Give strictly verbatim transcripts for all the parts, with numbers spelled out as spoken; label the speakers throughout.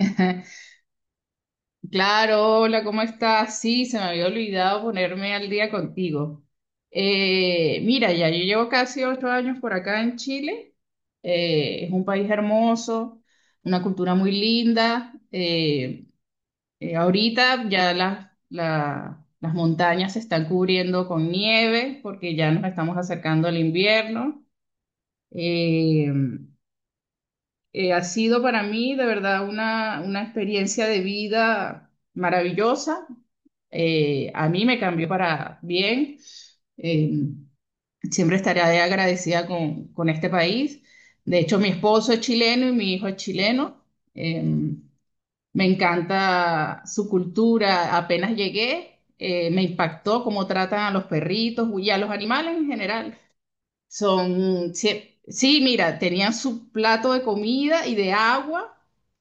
Speaker 1: Claro, hola, ¿cómo estás? Sí, se me había olvidado ponerme al día contigo. Eh, mira, ya yo llevo casi ocho años por acá en Chile. Eh, es un país hermoso, una cultura muy linda. Eh, eh, ahorita ya las, la- las montañas se están cubriendo con nieve porque ya nos estamos acercando al invierno. Eh, Eh, ha sido para mí de verdad una, una experiencia de vida maravillosa. Eh, a mí me cambió para bien. Eh, Siempre estaré agradecida con, con este país. De hecho, mi esposo es chileno y mi hijo es chileno. Eh, Me encanta su cultura. Apenas llegué, eh, me impactó cómo tratan a los perritos y a los animales en general. Son, sí, sí, mira, tenían su plato de comida y de agua,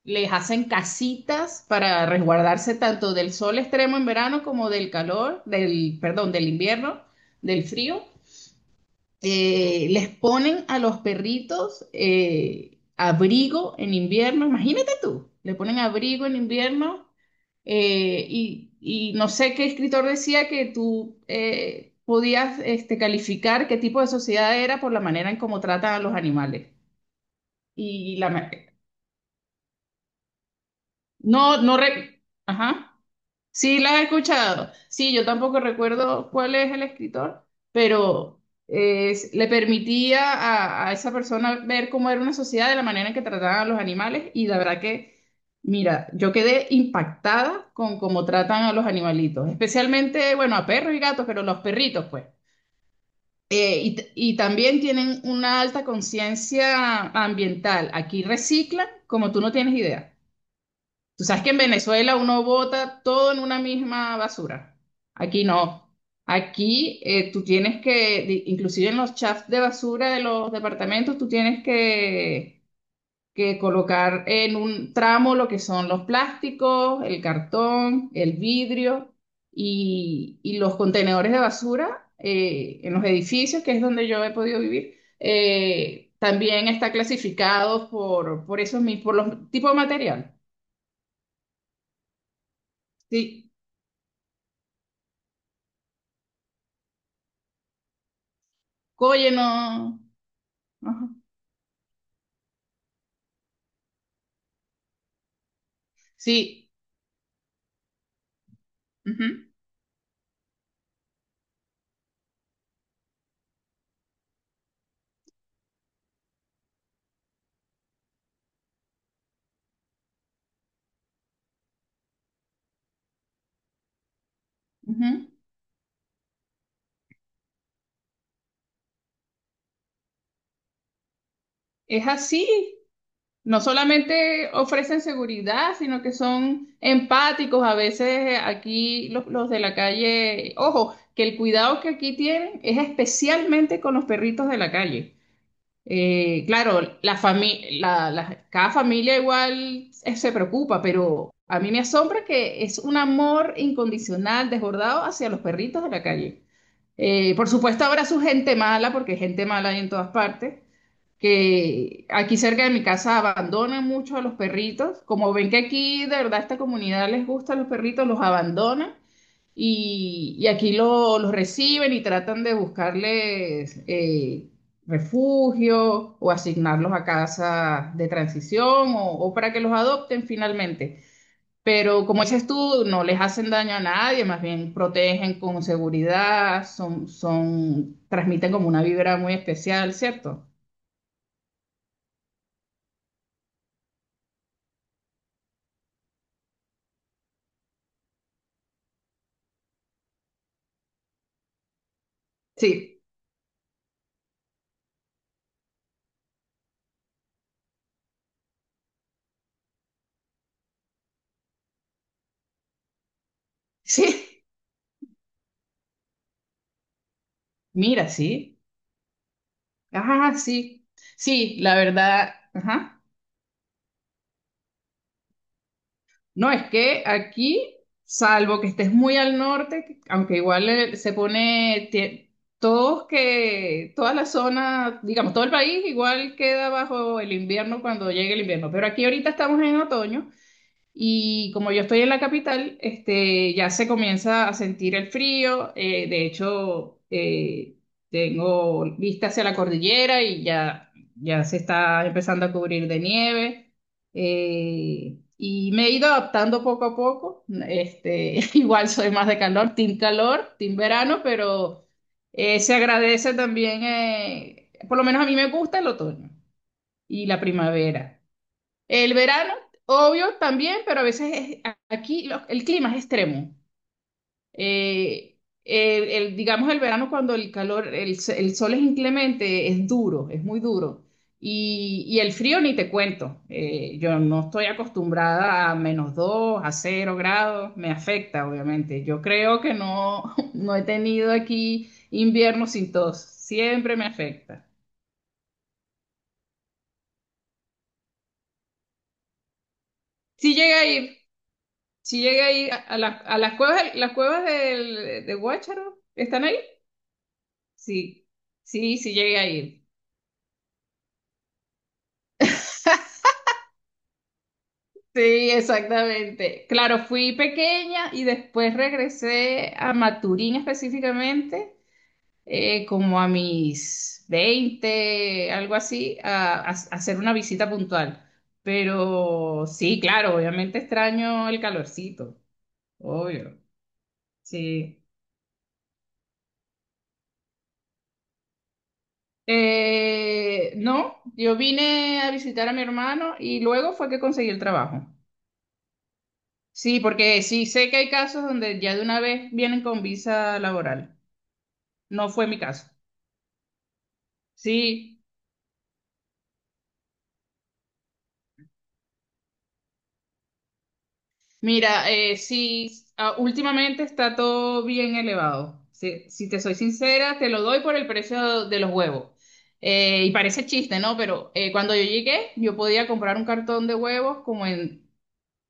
Speaker 1: les hacen casitas para resguardarse tanto del sol extremo en verano como del calor, del, perdón, del invierno, del frío. Eh, les ponen a los perritos eh, abrigo en invierno, imagínate tú, le ponen abrigo en invierno. Eh, y, y no sé qué escritor decía que tú eh, podías este, calificar qué tipo de sociedad era por la manera en cómo tratan a los animales. Y la... ma-. No, no... re-. Ajá. Sí, las he escuchado. Sí, yo tampoco recuerdo cuál es el escritor, pero eh, le permitía a, a esa persona ver cómo era una sociedad de la manera en que trataban a los animales y la verdad que, mira, yo quedé impactada con cómo tratan a los animalitos, especialmente, bueno, a perros y gatos, pero los perritos, pues. Eh, y, t- y también tienen una alta conciencia ambiental. Aquí reciclan como tú no tienes idea. Tú sabes que en Venezuela uno bota todo en una misma basura. Aquí no. Aquí eh, tú tienes que, di- inclusive en los chafs de basura de los departamentos, tú tienes que, que colocar en un tramo lo que son los plásticos, el cartón, el vidrio y, y los contenedores de basura eh, en los edificios, que es donde yo he podido vivir. Eh, también está clasificado por, por esos mis- por los tipos de material. Sí. Oye, no. Ajá. Sí. Ujú, ujú. Es así. No solamente ofrecen seguridad, sino que son empáticos. A veces eh, aquí los, los de la calle, ojo, que el cuidado que aquí tienen es especialmente con los perritos de la calle. Eh, claro, la fami- la- la- cada familia igual eh, se preocupa, pero a mí me asombra que es un amor incondicional, desbordado hacia los perritos de la calle. Eh, por supuesto, habrá su gente mala, porque gente mala hay en todas partes, que aquí cerca de mi casa abandonan mucho a los perritos. Como ven que aquí de verdad a esta comunidad les gusta a los perritos, los abandonan y, y aquí lo- los reciben y tratan de buscarles eh, refugio o asignarlos a casas de transición o, o para que los adopten finalmente. Pero como dices tú, no les hacen daño a nadie, más bien protegen con seguridad, son, son, transmiten como una vibra muy especial, ¿cierto? Sí, sí, mira, sí. Ajá, sí. Sí, la verdad, ajá. No, es que aquí, salvo que estés muy al norte, aunque igual eh, se pone, tie- todos que, toda la zona, digamos, todo el país igual queda bajo el invierno cuando llegue el invierno, pero aquí ahorita estamos en otoño. Y como yo estoy en la capital, este, ya se comienza a sentir el frío. Eh, de hecho, eh, tengo vista hacia la cordillera y ya, ya se está empezando a cubrir de nieve. Eh, y me he ido adaptando poco a poco. Este, igual soy más de calor, team calor, team verano, pero eh, se agradece también, eh, por lo menos a mí me gusta el otoño y la primavera. El verano, obvio, también, pero a veces es- aquí lo- el clima es extremo. Eh, el, el- digamos el verano cuando el calor, el, s- el sol es inclemente, es duro, es muy duro. Y, y el frío ni te cuento. Eh, yo no estoy acostumbrada a menos dos, a cero grados, me afecta, obviamente. Yo creo que no, no he tenido aquí invierno sin tos, siempre me afecta. Si llega a ir, si llega ahí a, a las a las cuevas, las cuevas del, de Guácharo, ¿están ahí? Sí, sí, sí llegué a ir. Sí, exactamente. Claro, fui pequeña y después regresé a Maturín específicamente, eh, como a mis veinte algo así, a, a- a hacer una visita puntual. Pero sí, claro, obviamente extraño el calorcito, obvio. Sí. Eh, no, yo vine a visitar a mi hermano y luego fue que conseguí el trabajo. Sí, porque sí sé que hay casos donde ya de una vez vienen con visa laboral. No fue mi caso. Sí, mira, eh, sí, ah, últimamente está todo bien elevado. Si, si te soy sincera, te lo doy por el precio de los huevos. Eh, y parece chiste, ¿no? Pero eh, cuando yo llegué, yo podía comprar un cartón de huevos como en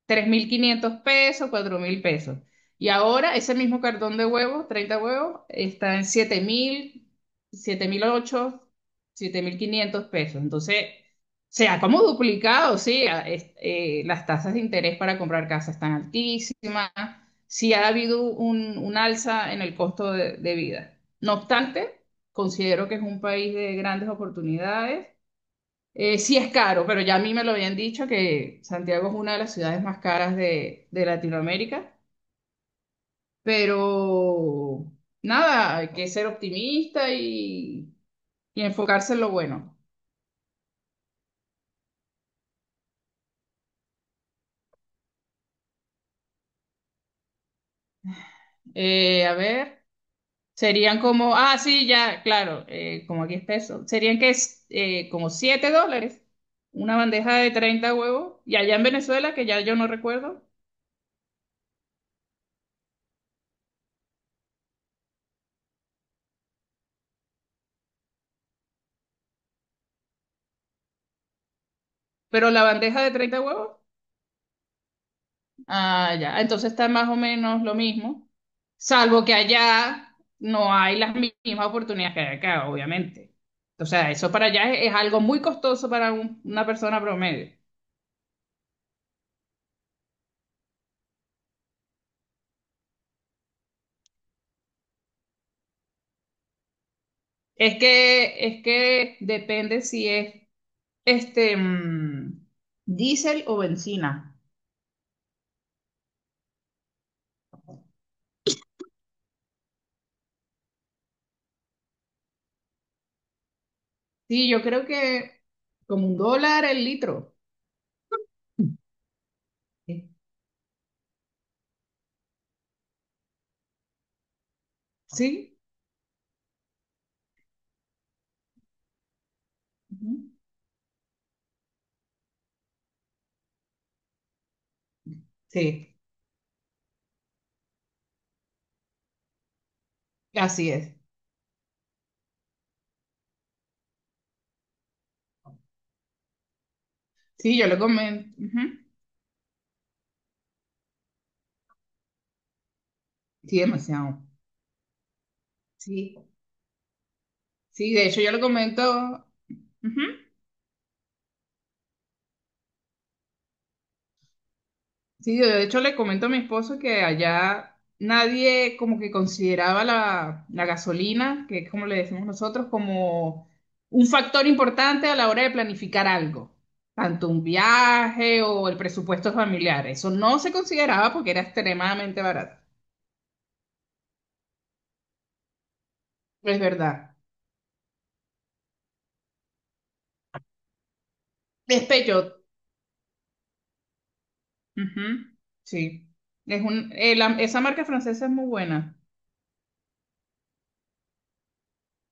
Speaker 1: tres mil quinientos pesos, cuatro mil pesos. Y ahora ese mismo cartón de huevos, treinta huevos, está en siete mil siete mil ocho, siete mil quinientos pesos. Entonces, se ha como duplicado, sí, a- es- eh, las tasas de interés para comprar casa están altísimas, sí ha habido un, un alza en el costo de de vida. No obstante, considero que es un país de grandes oportunidades. Eh, sí es caro, pero ya a mí me lo habían dicho que Santiago es una de las ciudades más caras de, de Latinoamérica, pero nada, hay que ser optimista y, y enfocarse en lo bueno. Eh, a ver, serían como, ah, sí, ya, claro, eh, como aquí es peso, serían que es eh, como siete dólares una bandeja de treinta huevos, y allá en Venezuela, que ya yo no recuerdo, pero la bandeja de treinta huevos. Ah, ya. Entonces está más o menos lo mismo, salvo que allá no hay las mi- mismas oportunidades que hay acá, obviamente. O sea, eso para allá es, es algo muy costoso para un- una persona promedio. Es que, es que depende si es este mm, diésel o bencina. Sí, yo creo que como un dólar el litro. Sí. Sí, ujú. Sí, así es. Sí, yo lo comento. Ujú. Sí, demasiado. Sí. Sí, de hecho yo le comento, ujú. Sí, de hecho le comento a mi esposo que allá nadie como que consideraba la, la gasolina, que es como le decimos nosotros, como un factor importante a la hora de planificar algo, tanto un viaje o el presupuesto familiar. Eso no se consideraba porque era extremadamente barato. Es verdad. Despecho. Ujú, Sí. Es un, eh, la- esa marca francesa es muy buena.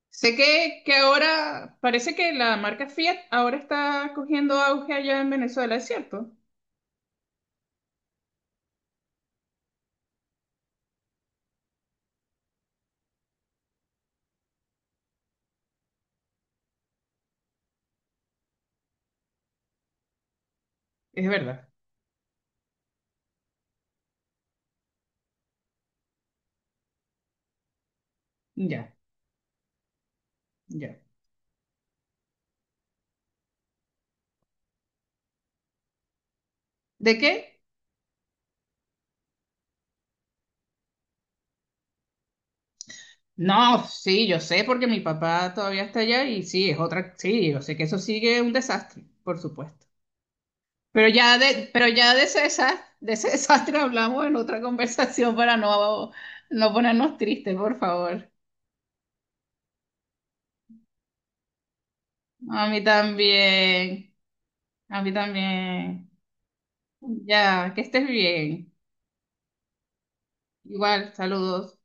Speaker 1: Sé que, que ahora parece que la marca Fiat ahora está cogiendo auge allá en Venezuela, ¿es cierto? Es verdad. Ya, ya. ¿De qué? No, sí, yo sé porque mi papá todavía está allá y sí, es otra, sí, yo sé que eso sigue un desastre, por supuesto. Pero ya de, pero ya de ese desastre, de ese desastre hablamos en otra conversación para no, no ponernos tristes, por favor. A mí también, a mí también. Ya, que estés bien. Igual, saludos.